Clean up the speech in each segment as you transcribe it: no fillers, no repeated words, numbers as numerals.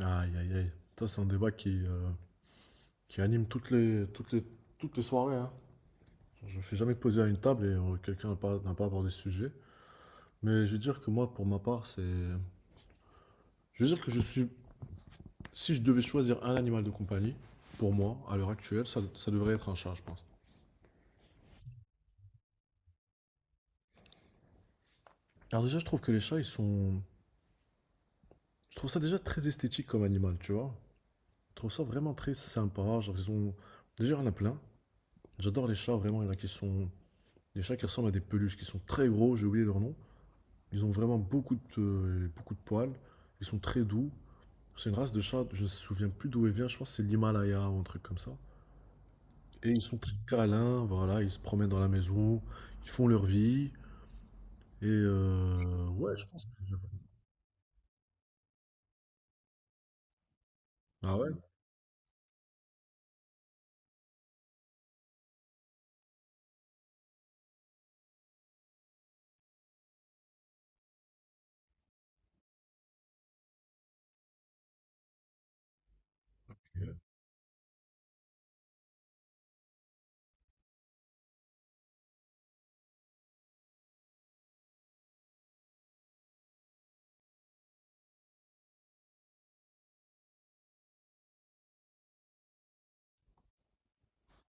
Aïe, aïe, aïe. Ça, c'est un débat qui qui anime toutes les soirées, hein. Je ne suis jamais posé à une table et quelqu'un n'a pas abordé ce sujet. Mais je veux dire que moi, pour ma part, c'est... Je veux dire que je suis... Si je devais choisir un animal de compagnie, pour moi, à l'heure actuelle, ça devrait être un chat, je pense. Alors déjà, je trouve que les chats, ils sont... Je trouve ça déjà très esthétique comme animal, tu vois. Je trouve ça vraiment très sympa. Genre, ils ont... Déjà, il y en a plein. J'adore les chats, vraiment. Il y en a qui sont... Les chats qui ressemblent à des peluches, qui sont très gros, j'ai oublié leur nom. Ils ont vraiment beaucoup de poils. Ils sont très doux. C'est une race de chat, je ne me souviens plus d'où elle vient, je pense que c'est l'Himalaya ou un truc comme ça. Et ils sont très câlins, voilà, ils se promènent dans la maison, ils font leur vie. Et ouais, je pense. Ah ouais?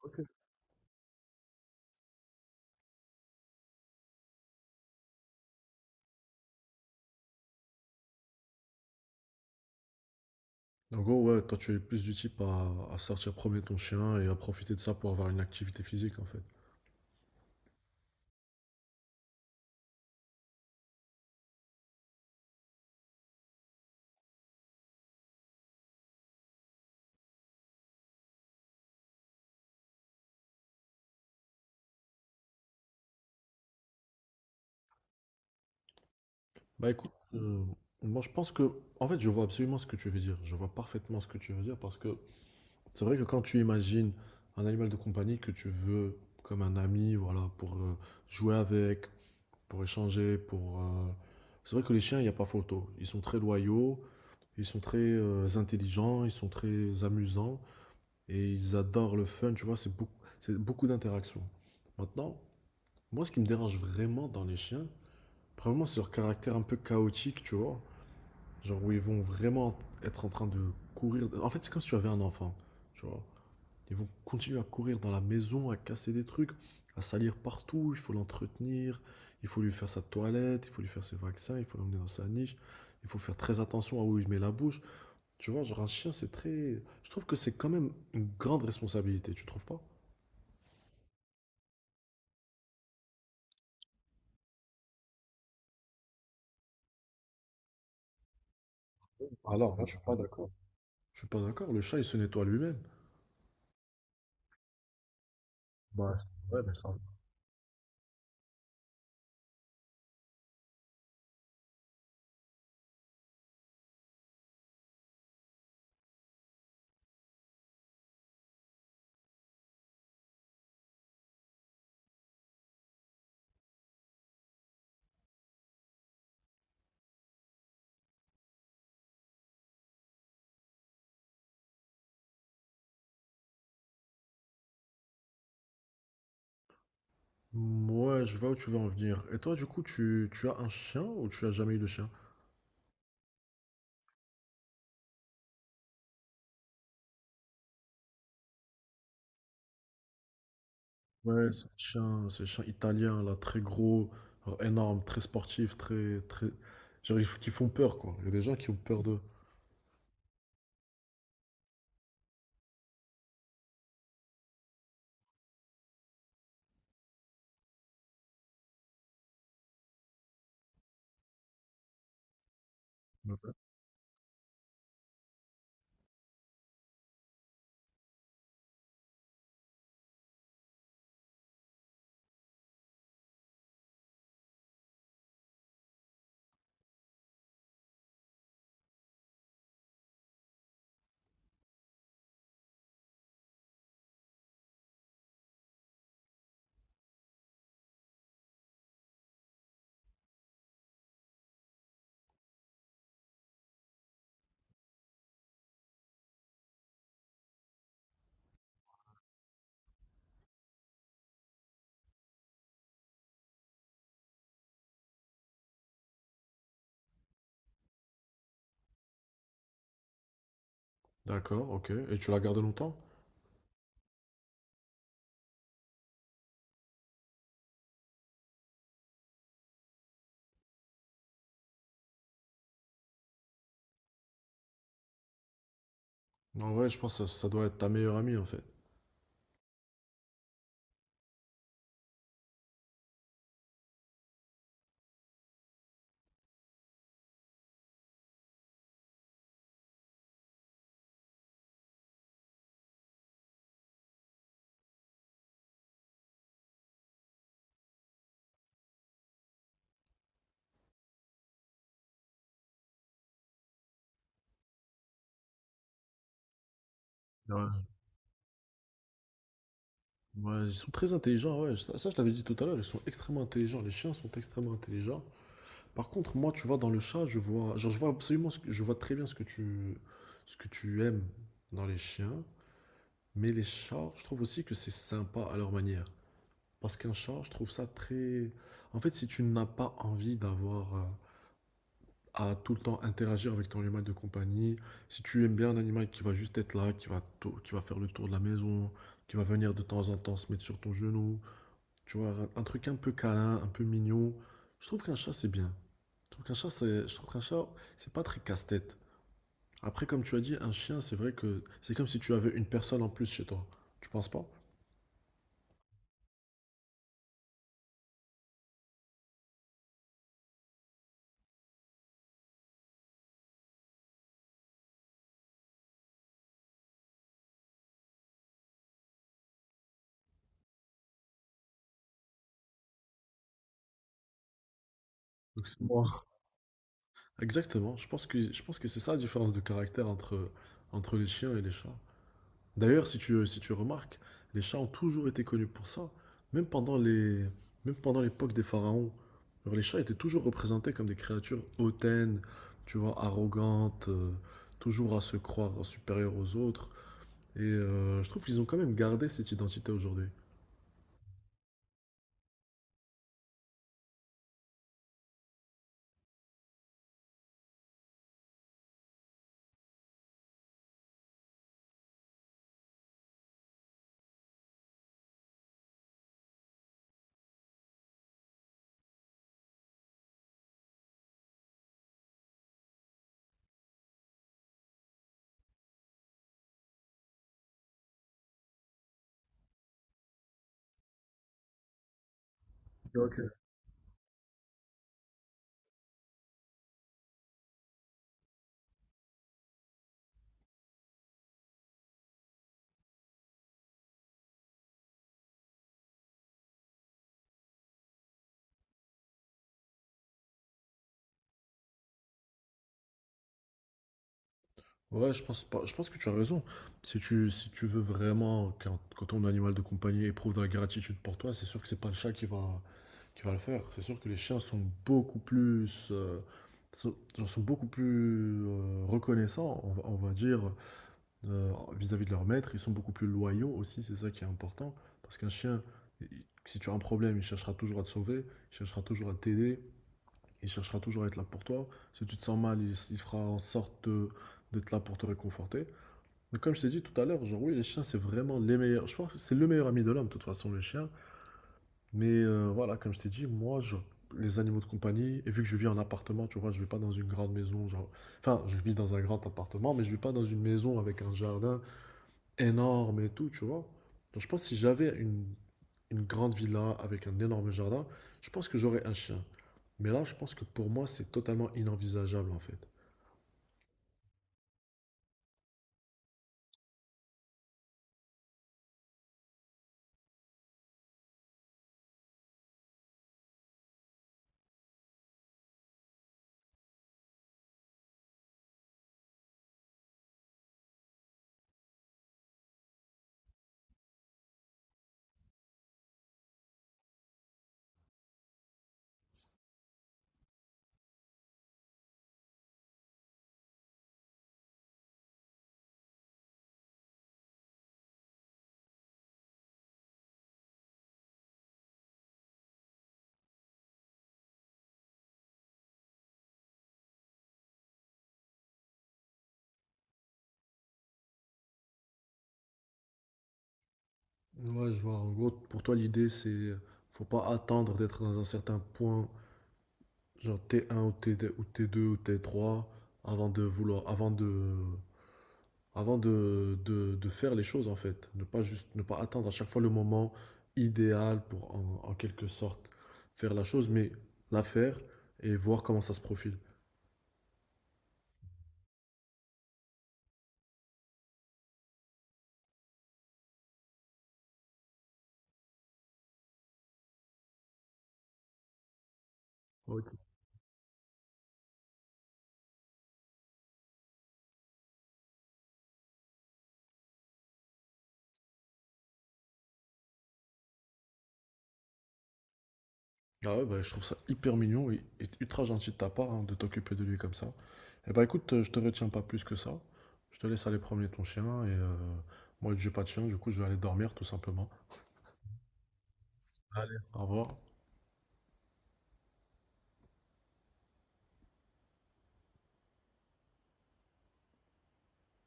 Ok. En gros, ouais, toi tu es plus du type à sortir promener ton chien et à profiter de ça pour avoir une activité physique en fait. Bah écoute, moi je pense que, en fait je vois absolument ce que tu veux dire, je vois parfaitement ce que tu veux dire parce que c'est vrai que quand tu imagines un animal de compagnie que tu veux comme un ami, voilà, pour jouer avec, pour échanger, pour... c'est vrai que les chiens, il n'y a pas photo. Ils sont très loyaux, ils sont très intelligents, ils sont très amusants et ils adorent le fun, tu vois, c'est beaucoup d'interactions. Maintenant, moi, ce qui me dérange vraiment dans les chiens, probablement, c'est leur caractère un peu chaotique, tu vois. Genre où ils vont vraiment être en train de courir. En fait, c'est comme si tu avais un enfant, tu vois. Ils vont continuer à courir dans la maison, à casser des trucs, à salir partout. Il faut l'entretenir, il faut lui faire sa toilette, il faut lui faire ses vaccins, il faut l'emmener dans sa niche. Il faut faire très attention à où il met la bouche. Tu vois, genre un chien, c'est très. Je trouve que c'est quand même une grande responsabilité, tu trouves pas? Alors, moi, je suis pas d'accord. Je suis pas d'accord, le chat, il se nettoie lui-même. Bah, ouais, mais ça. Ouais, je vois où tu veux en venir. Et toi, du coup, tu as un chien ou tu as jamais eu de chien? Ouais, c'est un chien italien, là, très gros, alors énorme, très sportif, très... Genre, qui font peur, quoi. Il y a des gens qui ont peur d'eux. Ok. D'accord, ok. Et tu l'as gardé longtemps? En vrai, je pense que ça doit être ta meilleure amie, en fait. Ouais. Ouais, ils sont très intelligents, ouais. Ça, je l'avais dit tout à l'heure, ils sont extrêmement intelligents. Les chiens sont extrêmement intelligents. Par contre, moi, tu vois, dans le chat, je vois... Genre, je vois absolument ce que... Je vois très bien ce que tu aimes dans les chiens. Mais les chats, je trouve aussi que c'est sympa à leur manière. Parce qu'un chat, je trouve ça très... En fait, si tu n'as pas envie d'avoir à tout le temps interagir avec ton animal de compagnie, si tu aimes bien un animal qui va juste être là, qui va faire le tour de la maison, qui va venir de temps en temps se mettre sur ton genou, tu vois, un, truc un peu câlin, un peu mignon, je trouve qu'un chat, c'est bien. Je trouve qu'un chat, c'est pas très casse-tête. Après, comme tu as dit, un chien, c'est vrai que c'est comme si tu avais une personne en plus chez toi. Tu penses pas? Donc, c'est moi. Exactement, je pense que c'est ça la différence de caractère entre, entre les chiens et les chats. D'ailleurs, si tu remarques, les chats ont toujours été connus pour ça, même pendant les, même pendant l'époque des pharaons. Alors, les chats étaient toujours représentés comme des créatures hautaines, tu vois, arrogantes, toujours à se croire supérieurs aux autres. Et je trouve qu'ils ont quand même gardé cette identité aujourd'hui. Ouais, je pense pas, je pense que tu as raison. Si tu veux vraiment quand ton animal de compagnie éprouve de la gratitude pour toi, c'est sûr que c'est pas le chat qui va le faire. C'est sûr que les chiens sont sont, genre sont beaucoup plus reconnaissants, on va dire, vis-à-vis de leur maître. Ils sont beaucoup plus loyaux aussi, c'est ça qui est important. Parce qu'un chien, il- si tu as un problème, il cherchera toujours à te sauver, il cherchera toujours à t'aider, il cherchera toujours à être là pour toi. Si tu te sens mal, il fera en sorte de- d'être là pour te réconforter. Donc, comme je t'ai dit tout à l'heure, genre oui, les chiens, c'est vraiment les meilleurs. Je pense que c'est le meilleur ami de l'homme, de toute façon, le chien. Mais voilà, comme je t'ai dit, moi, je- les animaux de compagnie, et vu que je vis en appartement, tu vois, je ne vis pas dans une grande maison, genre... Enfin, je vis dans un grand appartement, mais je ne vis pas dans une maison avec un jardin énorme et tout, tu vois. Donc je pense que si j'avais une grande villa avec un énorme jardin, je pense que j'aurais un chien. Mais là, je pense que pour moi, c'est totalement inenvisageable, en fait. Ouais, je vois. En gros, pour toi, l'idée, c'est faut pas attendre d'être dans un certain point, genre T1 ou T2 ou T2 ou T3, avant de vouloir, avant de faire les choses en fait. Ne pas attendre à chaque fois le moment idéal pour en, en quelque sorte faire la chose, mais la faire et voir comment ça se profile. Ah ouais, bah, je trouve ça hyper mignon et ultra gentil de ta part hein, de t'occuper de lui comme ça. Et bah écoute, je te retiens pas plus que ça. Je te laisse aller promener ton chien et moi, j'ai pas de chien, du coup, je vais aller dormir tout simplement. Allez, au revoir.